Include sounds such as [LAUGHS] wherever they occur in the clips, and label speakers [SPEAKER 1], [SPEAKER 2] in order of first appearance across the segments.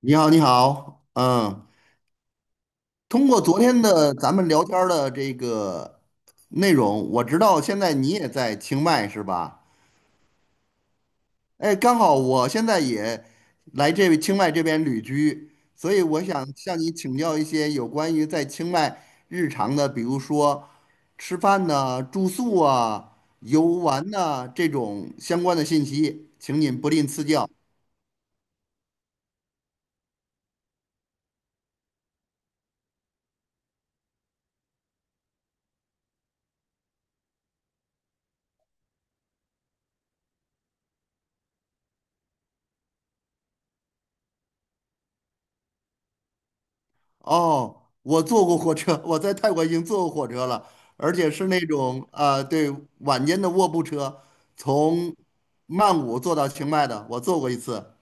[SPEAKER 1] 你好，你好，嗯，通过昨天的咱们聊天儿的这个内容，我知道现在你也在清迈是吧？哎，刚好我现在也来这清迈这边旅居，所以我想向你请教一些有关于在清迈日常的，比如说吃饭呐、住宿啊、游玩呐、这种相关的信息，请您不吝赐教。哦，我坐过火车，我在泰国已经坐过火车了，而且是那种啊、对，晚间的卧铺车，从曼谷坐到清迈的，我坐过一次。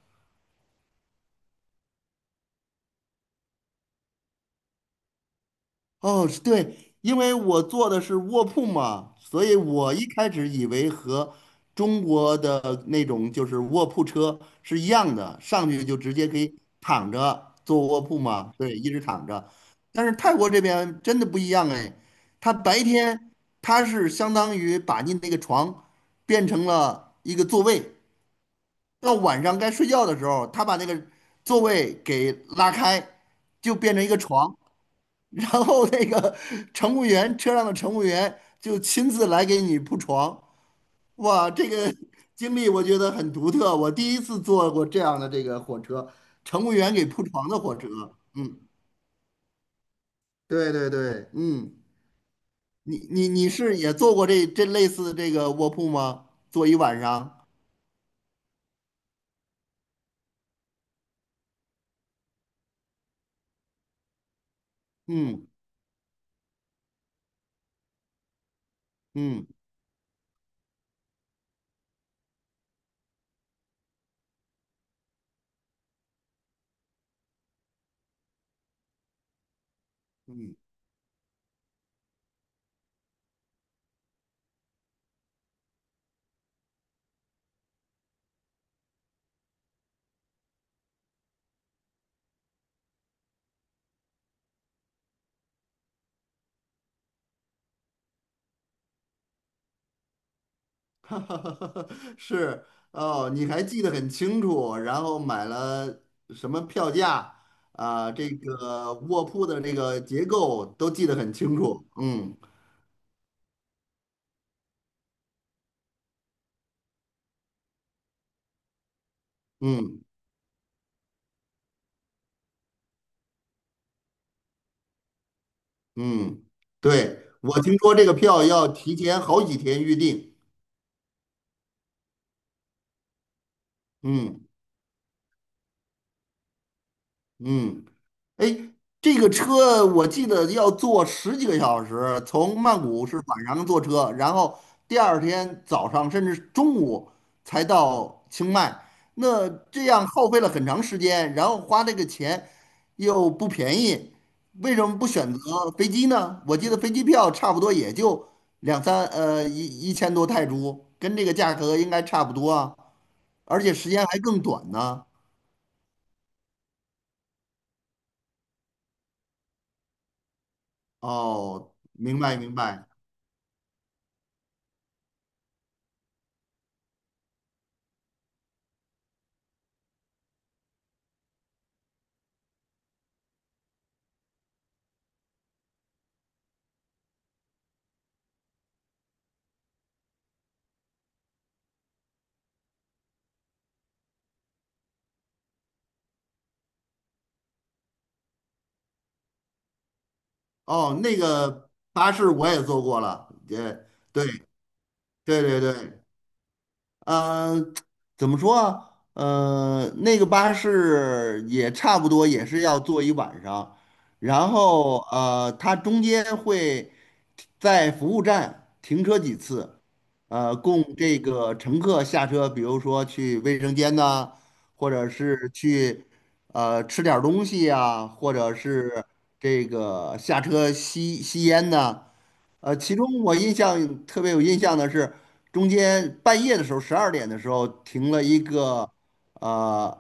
[SPEAKER 1] 哦，是对，因为我坐的是卧铺嘛，所以我一开始以为和中国的那种就是卧铺车是一样的，上去就直接可以躺着坐卧铺嘛，对，一直躺着。但是泰国这边真的不一样哎，他白天他是相当于把你那个床变成了一个座位，到晚上该睡觉的时候，他把那个座位给拉开，就变成一个床。然后那个乘务员，车上的乘务员就亲自来给你铺床。哇，这个 [LAUGHS] 经历我觉得很独特，我第一次坐过这样的这个火车，乘务员给铺床的火车。嗯，对对对，嗯，你是也坐过这类似的这个卧铺吗？坐一晚上？嗯嗯嗯。[LAUGHS] 是哦，你还记得很清楚，然后买了什么票价啊，这个卧铺的这个结构都记得很清楚。嗯嗯嗯，对，我听说这个票要提前好几天预定。嗯嗯。哎，这个车我记得要坐十几个小时，从曼谷是晚上坐车，然后第二天早上甚至中午才到清迈，那这样耗费了很长时间，然后花这个钱又不便宜，为什么不选择飞机呢？我记得飞机票差不多也就两三呃一一千多泰铢，跟这个价格应该差不多啊，而且时间还更短呢。哦，明白明白。哦，那个巴士我也坐过了，也对对对对，嗯呃，怎么说啊？那个巴士也差不多，也是要坐一晚上，然后它中间会在服务站停车几次，供这个乘客下车，比如说去卫生间呐、或者是去吃点儿东西呀、或者是这个下车吸吸烟呐、其中我印象特别有印象的是，中间半夜的时候，12点的时候停了一个呃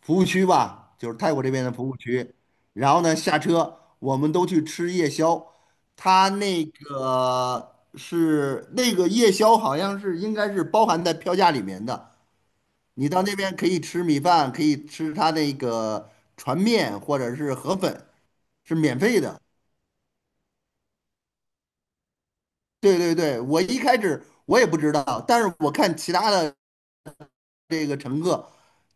[SPEAKER 1] 服务区吧，就是泰国这边的服务区。然后呢，下车我们都去吃夜宵，他那个是那个夜宵好像是应该是包含在票价里面的。你到那边可以吃米饭，可以吃他那个船面或者是河粉，是免费的。对对对，我一开始我也不知道，但是我看其他的这个乘客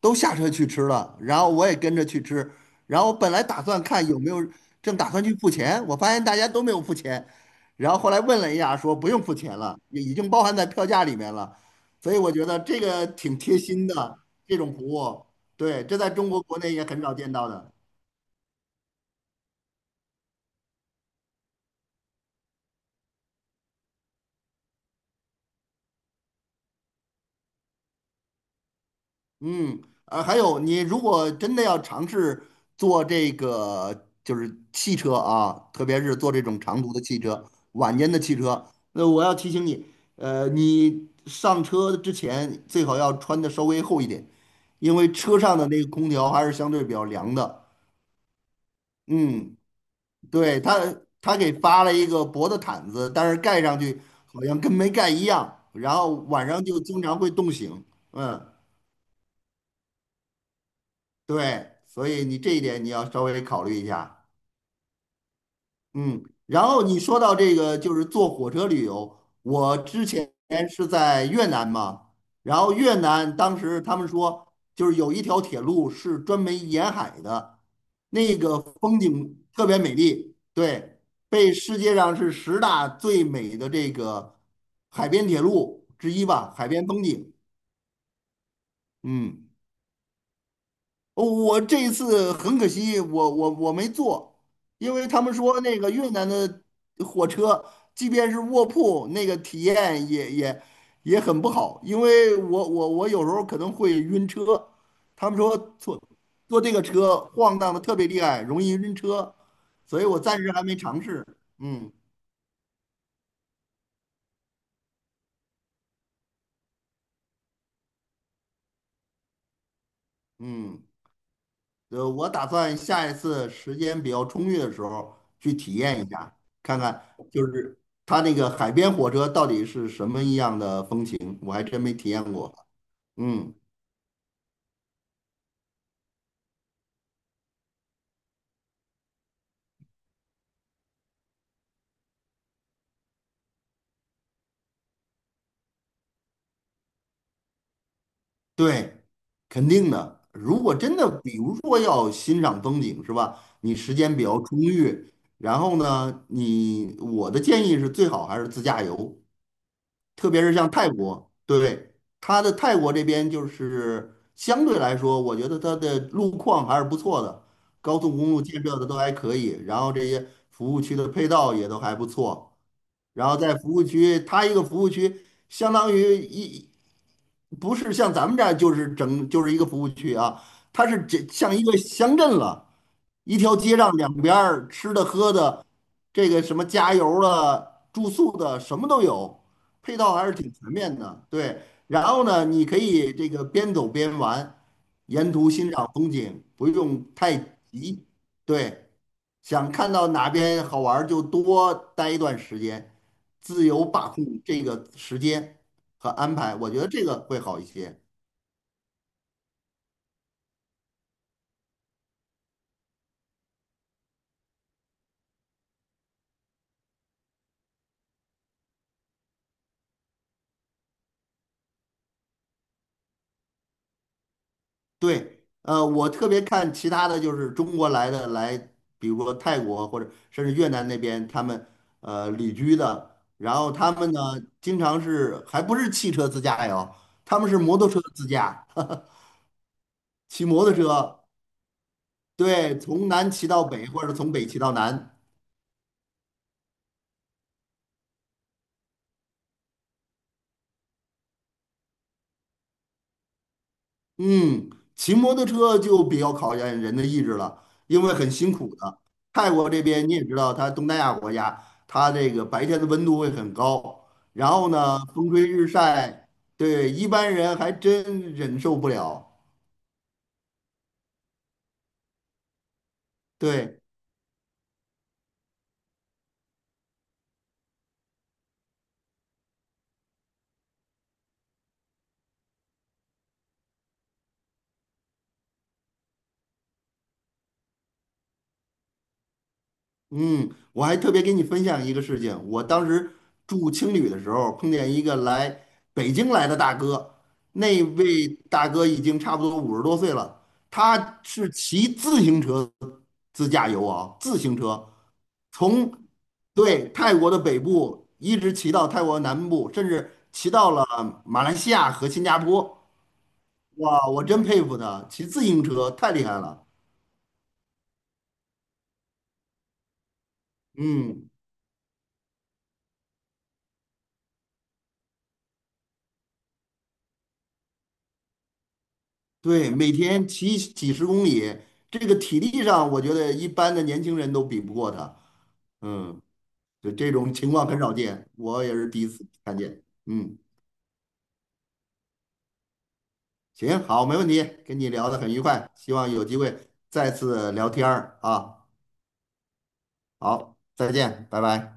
[SPEAKER 1] 都下车去吃了，然后我也跟着去吃，然后本来打算看有没有正打算去付钱，我发现大家都没有付钱，然后后来问了一下，说不用付钱了，也已经包含在票价里面了，所以我觉得这个挺贴心的，这种服务，对，这在中国国内也很少见到的。嗯，还有你如果真的要尝试坐这个就是汽车啊，特别是坐这种长途的汽车、晚间的汽车，那我要提醒你，你上车之前最好要穿的稍微厚一点，因为车上的那个空调还是相对比较凉的。嗯，对，他给发了一个薄的毯子，但是盖上去好像跟没盖一样，然后晚上就经常会冻醒。嗯。对，所以你这一点你要稍微考虑一下。嗯，然后你说到这个就是坐火车旅游，我之前是在越南嘛，然后越南当时他们说就是有一条铁路是专门沿海的，那个风景特别美丽，对，被世界上是十大最美的这个海边铁路之一吧，海边风景。嗯。我这一次很可惜，我没坐，因为他们说那个越南的火车，即便是卧铺，那个体验也很不好，因为我有时候可能会晕车，他们说坐这个车晃荡的特别厉害，容易晕车，所以我暂时还没尝试。嗯嗯。我打算下一次时间比较充裕的时候去体验一下，看看就是它那个海边火车到底是什么一样的风情，我还真没体验过。嗯，对，肯定的。如果真的，比如说要欣赏风景，是吧？你时间比较充裕，然后呢，你我的建议是最好还是自驾游，特别是像泰国，对，它的泰国这边就是相对来说，我觉得它的路况还是不错的，高速公路建设的都还可以，然后这些服务区的配套也都还不错，然后在服务区，它一个服务区相当于一，不是像咱们这儿就是整就是一个服务区啊，它是这像一个乡镇了，一条街上两边儿吃的喝的，这个什么加油了、住宿的什么都有，配套还是挺全面的。对，然后呢，你可以这个边走边玩，沿途欣赏风景，不用太急。对，想看到哪边好玩儿就多待一段时间，自由把控这个时间和安排，我觉得这个会好一些。对，我特别看其他的就是中国来的来，比如说泰国或者甚至越南那边，他们旅居的，然后他们呢经常是还不是汽车自驾游，他们是摩托车自驾，[LAUGHS] 骑摩托车，对，从南骑到北或者从北骑到南。嗯，骑摩托车就比较考验人的意志了，因为很辛苦的。泰国这边你也知道，它东南亚国家，它这个白天的温度会很高，然后呢，风吹日晒，对，一般人还真忍受不了。对，嗯，我还特别给你分享一个事情，我当时住青旅的时候，碰见一个来北京来的大哥，那位大哥已经差不多50多岁了，他是骑自行车。自驾游啊，自行车从对泰国的北部一直骑到泰国南部，甚至骑到了马来西亚和新加坡。哇，我真佩服他，骑自行车太厉害了。嗯，对，每天骑几十公里，这个体力上我觉得一般的年轻人都比不过他。嗯，就这种情况很少见，我也是第一次看见。嗯，行，好，没问题，跟你聊得很愉快，希望有机会再次聊天儿啊。好，再见，拜拜。